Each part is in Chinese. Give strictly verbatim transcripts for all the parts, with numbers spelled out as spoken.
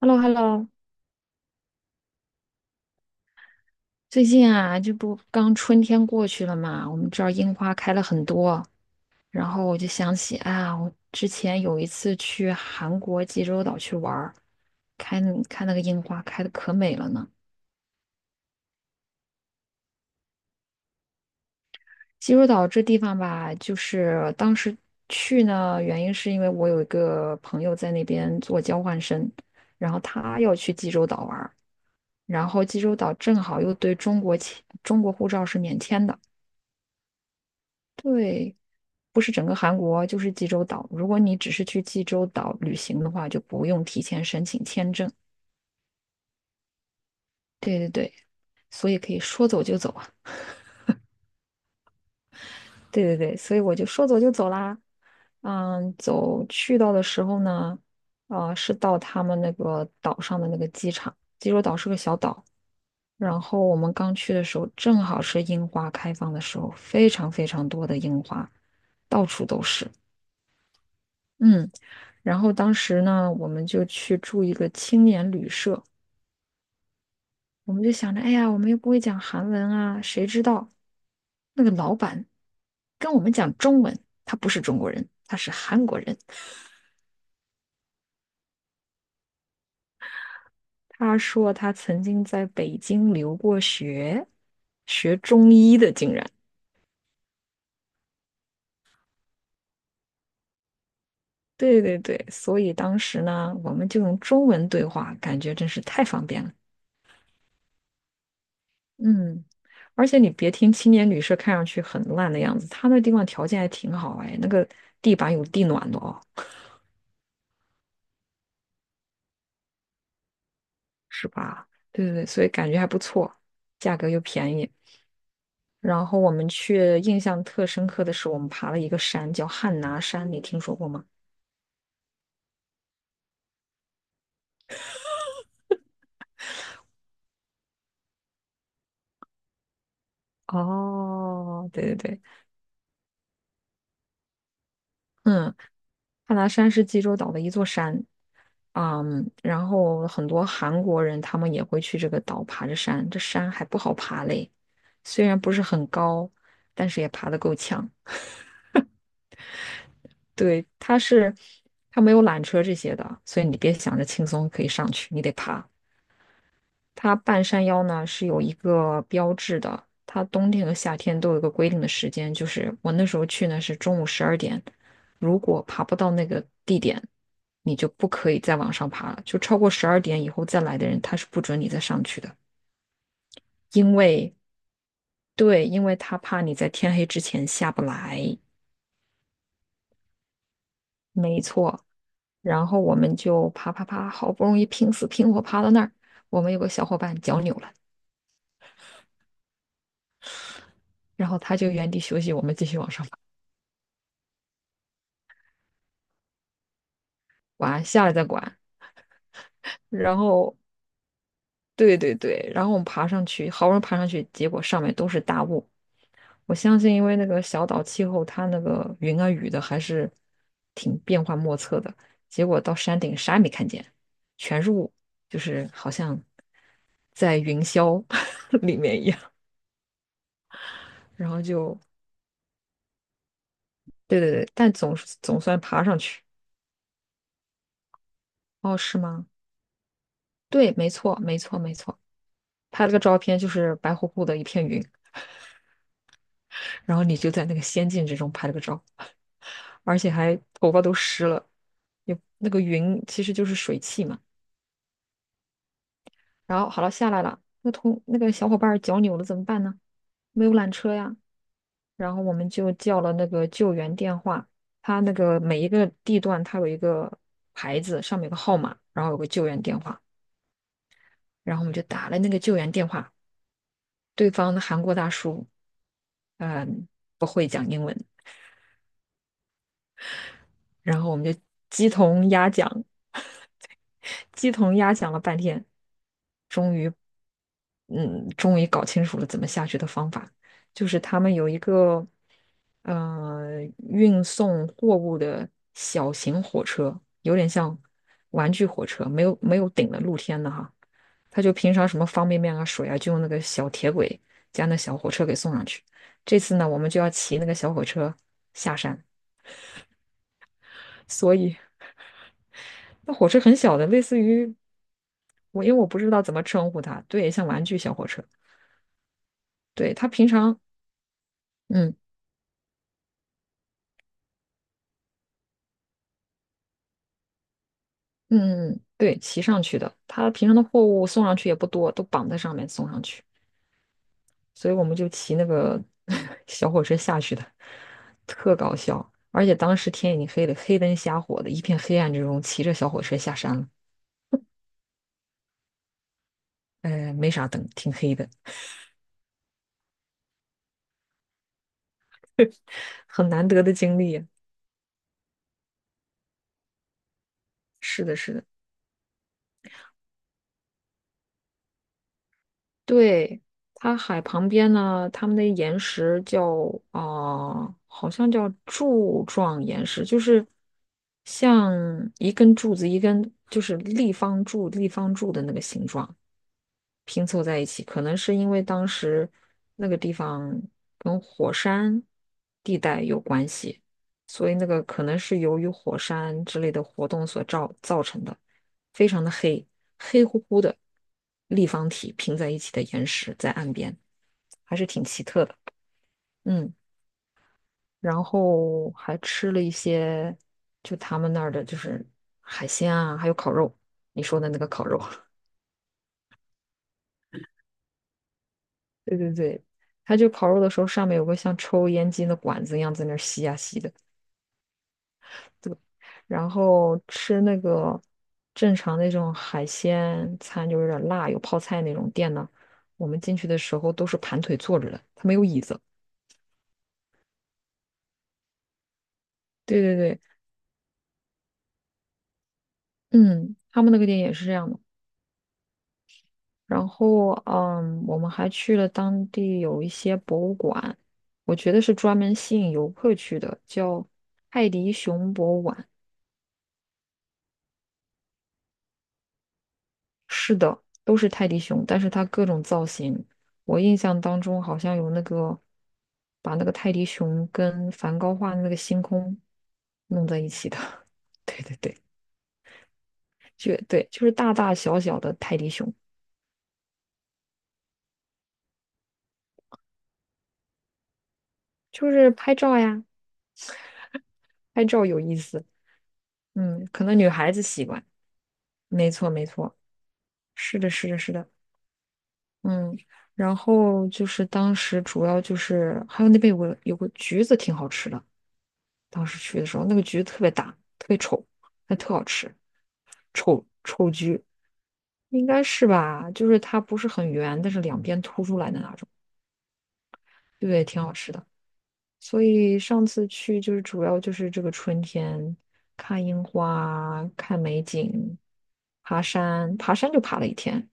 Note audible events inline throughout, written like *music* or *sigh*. Hello,Hello,最近啊，这不刚春天过去了嘛，我们这儿樱花开了很多，然后我就想起啊，我之前有一次去韩国济州岛去玩儿，看看那个樱花开的可美了呢。济州岛这地方吧，就是当时去呢，原因是因为我有一个朋友在那边做交换生，然后他要去济州岛玩儿，然后济州岛正好又对中国签中国护照是免签的。对，不是整个韩国，就是济州岛。如果你只是去济州岛旅行的话，就不用提前申请签证。对对对，所以可以说走就走啊。对对对，所以我就说走就走啦。嗯，走去到的时候呢，啊，是到他们那个岛上的那个机场。济州岛是个小岛，然后我们刚去的时候，正好是樱花开放的时候，非常非常多的樱花，到处都是。嗯。然后当时呢，我们就去住一个青年旅社，我们就想着，哎呀，我们又不会讲韩文啊，谁知道那个老板跟我们讲中文，他不是中国人，他是韩国人。他说他曾经在北京留过学，学中医的，竟然。对对对，所以当时呢，我们就用中文对话，感觉真是太方便了。嗯，而且你别听青年旅社看上去很烂的样子，它那地方条件还挺好哎，那个地板有地暖的哦，是吧？对对对，所以感觉还不错，价格又便宜。然后我们去印象特深刻的是，我们爬了一个山叫汉拿山，你听说过吗？哦，对对对，嗯，汉拿山是济州岛的一座山，嗯，然后很多韩国人他们也会去这个岛爬着山，这山还不好爬嘞，虽然不是很高，但是也爬得够呛。对，它是它没有缆车这些的，所以你别想着轻松可以上去，你得爬。它半山腰呢是有一个标志的，它冬天和夏天都有一个规定的时间，就是我那时候去呢是中午十二点，如果爬不到那个地点，你就不可以再往上爬了，就超过十二点以后再来的人，他是不准你再上去的，因为对，因为他怕你在天黑之前下不来，没错。然后我们就爬爬爬，好不容易拼死拼活爬到那儿，我们有个小伙伴脚扭了，然后他就原地休息，我们继续往上爬。管，下来再管。然后对对对，然后我们爬上去，好不容易爬上去，结果上面都是大雾。我相信，因为那个小岛气候，它那个云啊雨的还是挺变幻莫测的。结果到山顶啥也没看见，全是雾，就是好像在云霄 *laughs* 里面一样。然后就对对对，但总是总算爬上去。哦，是吗？对，没错，没错，没错。拍了个照片，就是白乎乎的一片云，然后你就在那个仙境之中拍了个照。而且还头发都湿了，有那个云其实就是水汽嘛。然后好了，下来了，那同那个小伙伴儿脚扭了怎么办呢？没有缆车呀，然后我们就叫了那个救援电话，它那个每一个地段它有一个牌子，上面有个号码，然后有个救援电话，然后我们就打了那个救援电话，对方的韩国大叔，嗯，不会讲英文，然后我们就鸡同鸭讲，*laughs* 鸡同鸭讲了半天，终于，嗯，终于搞清楚了怎么下去的方法。就是他们有一个，呃，运送货物的小型火车，有点像玩具火车，没有没有顶的露天的哈。他就平常什么方便面啊、水啊，就用那个小铁轨加那小火车给送上去。这次呢，我们就要骑那个小火车下山，所以。那火车很小的，类似于我，因为我不知道怎么称呼它，对，像玩具小火车，对，它平常，嗯嗯，对，骑上去的，它平常的货物送上去也不多，都绑在上面送上去，所以我们就骑那个 *laughs* 小火车下去的，特搞笑。而且当时天已经黑了，黑灯瞎火的，一片黑暗之中，骑着小火车下山了，呃，没啥灯，挺黑的，*laughs* 很难得的经历啊。是的，是的。对，它海旁边呢，它们的岩石叫啊、呃好像叫柱状岩石，就是像一根柱子，一根就是立方柱、立方柱的那个形状。拼凑在一起，可能是因为当时那个地方跟火山地带有关系，所以那个可能是由于火山之类的活动所造造成的，非常的黑，黑乎乎的立方体拼在一起的岩石在岸边，还是挺奇特的。嗯，然后还吃了一些就他们那儿的就是海鲜啊，还有烤肉，你说的那个烤肉。对对对，它就烤肉的时候上面有个像抽烟机的管子一样在那儿吸呀吸的，然后吃那个正常那种海鲜餐就有点辣，有泡菜那种店呢，我们进去的时候都是盘腿坐着的，它没有椅子。对对对，嗯，他们那个店也是这样的。然后嗯，我们还去了当地有一些博物馆，我觉得是专门吸引游客去的，叫泰迪熊博物馆。是的，都是泰迪熊，但是它各种造型，我印象当中好像有那个把那个泰迪熊跟梵高画的那个星空弄在一起的。*laughs* 对对对，就对，就是大大小小的泰迪熊，就是拍照呀，拍照有意思。嗯，可能女孩子喜欢。没错没错，是的是的是的，嗯。然后就是当时主要就是还有那边有个有个橘子挺好吃的，当时去的时候，那个橘子特别大，特别丑，但特好吃，丑丑橘应该是吧？就是它不是很圆，但是两边凸出来的那种，对，挺好吃的。所以上次去就是主要就是这个春天，看樱花，看美景，爬山，爬山就爬了一天，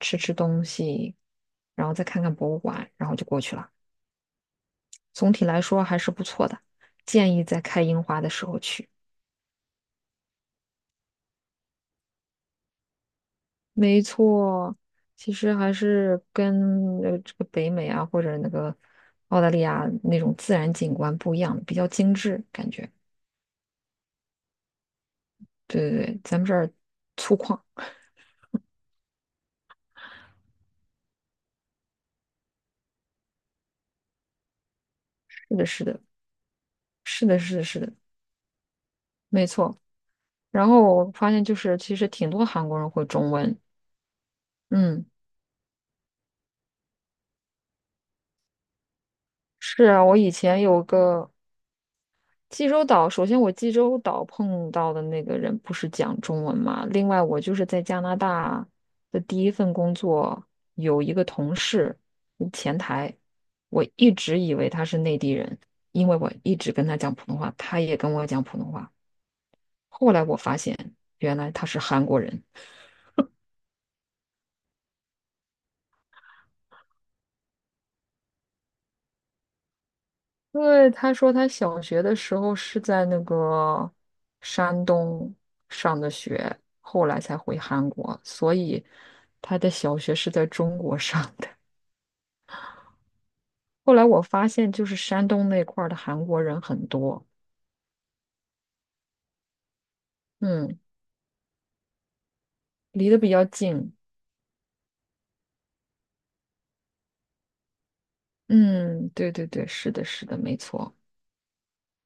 吃吃东西，然后再看看博物馆，然后就过去了。总体来说还是不错的，建议在开樱花的时候去。没错，其实还是跟呃这个北美啊，或者那个澳大利亚那种自然景观不一样，比较精致感觉。对对对，咱们这儿粗犷。是的，是的，是的，是的，是的，没错。然后我发现就是，其实挺多韩国人会中文。嗯，是啊，我以前有个，济州岛，首先我济州岛碰到的那个人不是讲中文嘛，另外我就是在加拿大的第一份工作，有一个同事，嗯前台，我一直以为他是内地人，因为我一直跟他讲普通话，他也跟我讲普通话，后来我发现原来他是韩国人。对，他说他小学的时候是在那个山东上的学，后来才回韩国，所以他的小学是在中国上的。后来我发现，就是山东那块儿的韩国人很多，嗯，离得比较近，嗯，对对对，是的，是的，没错，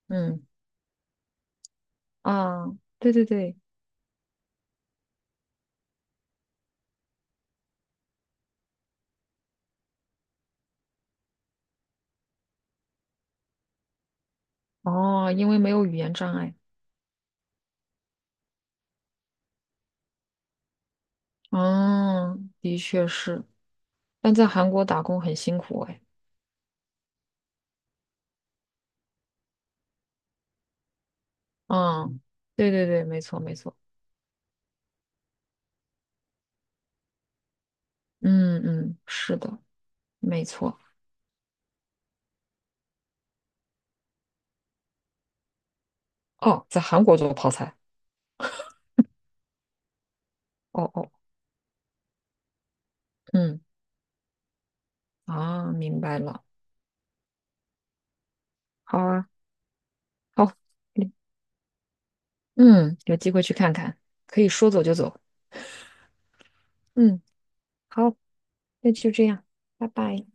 嗯啊，对对对，哦，因为没有语言障碍，嗯，的确是，但在韩国打工很辛苦哎。嗯，对对对，没错没错，嗯嗯，是的，没错。哦，在韩国做泡菜，哦哦，嗯啊，明白了，好啊，好，嗯，有机会去看看，可以说走就走，嗯，好，那就这样，拜拜。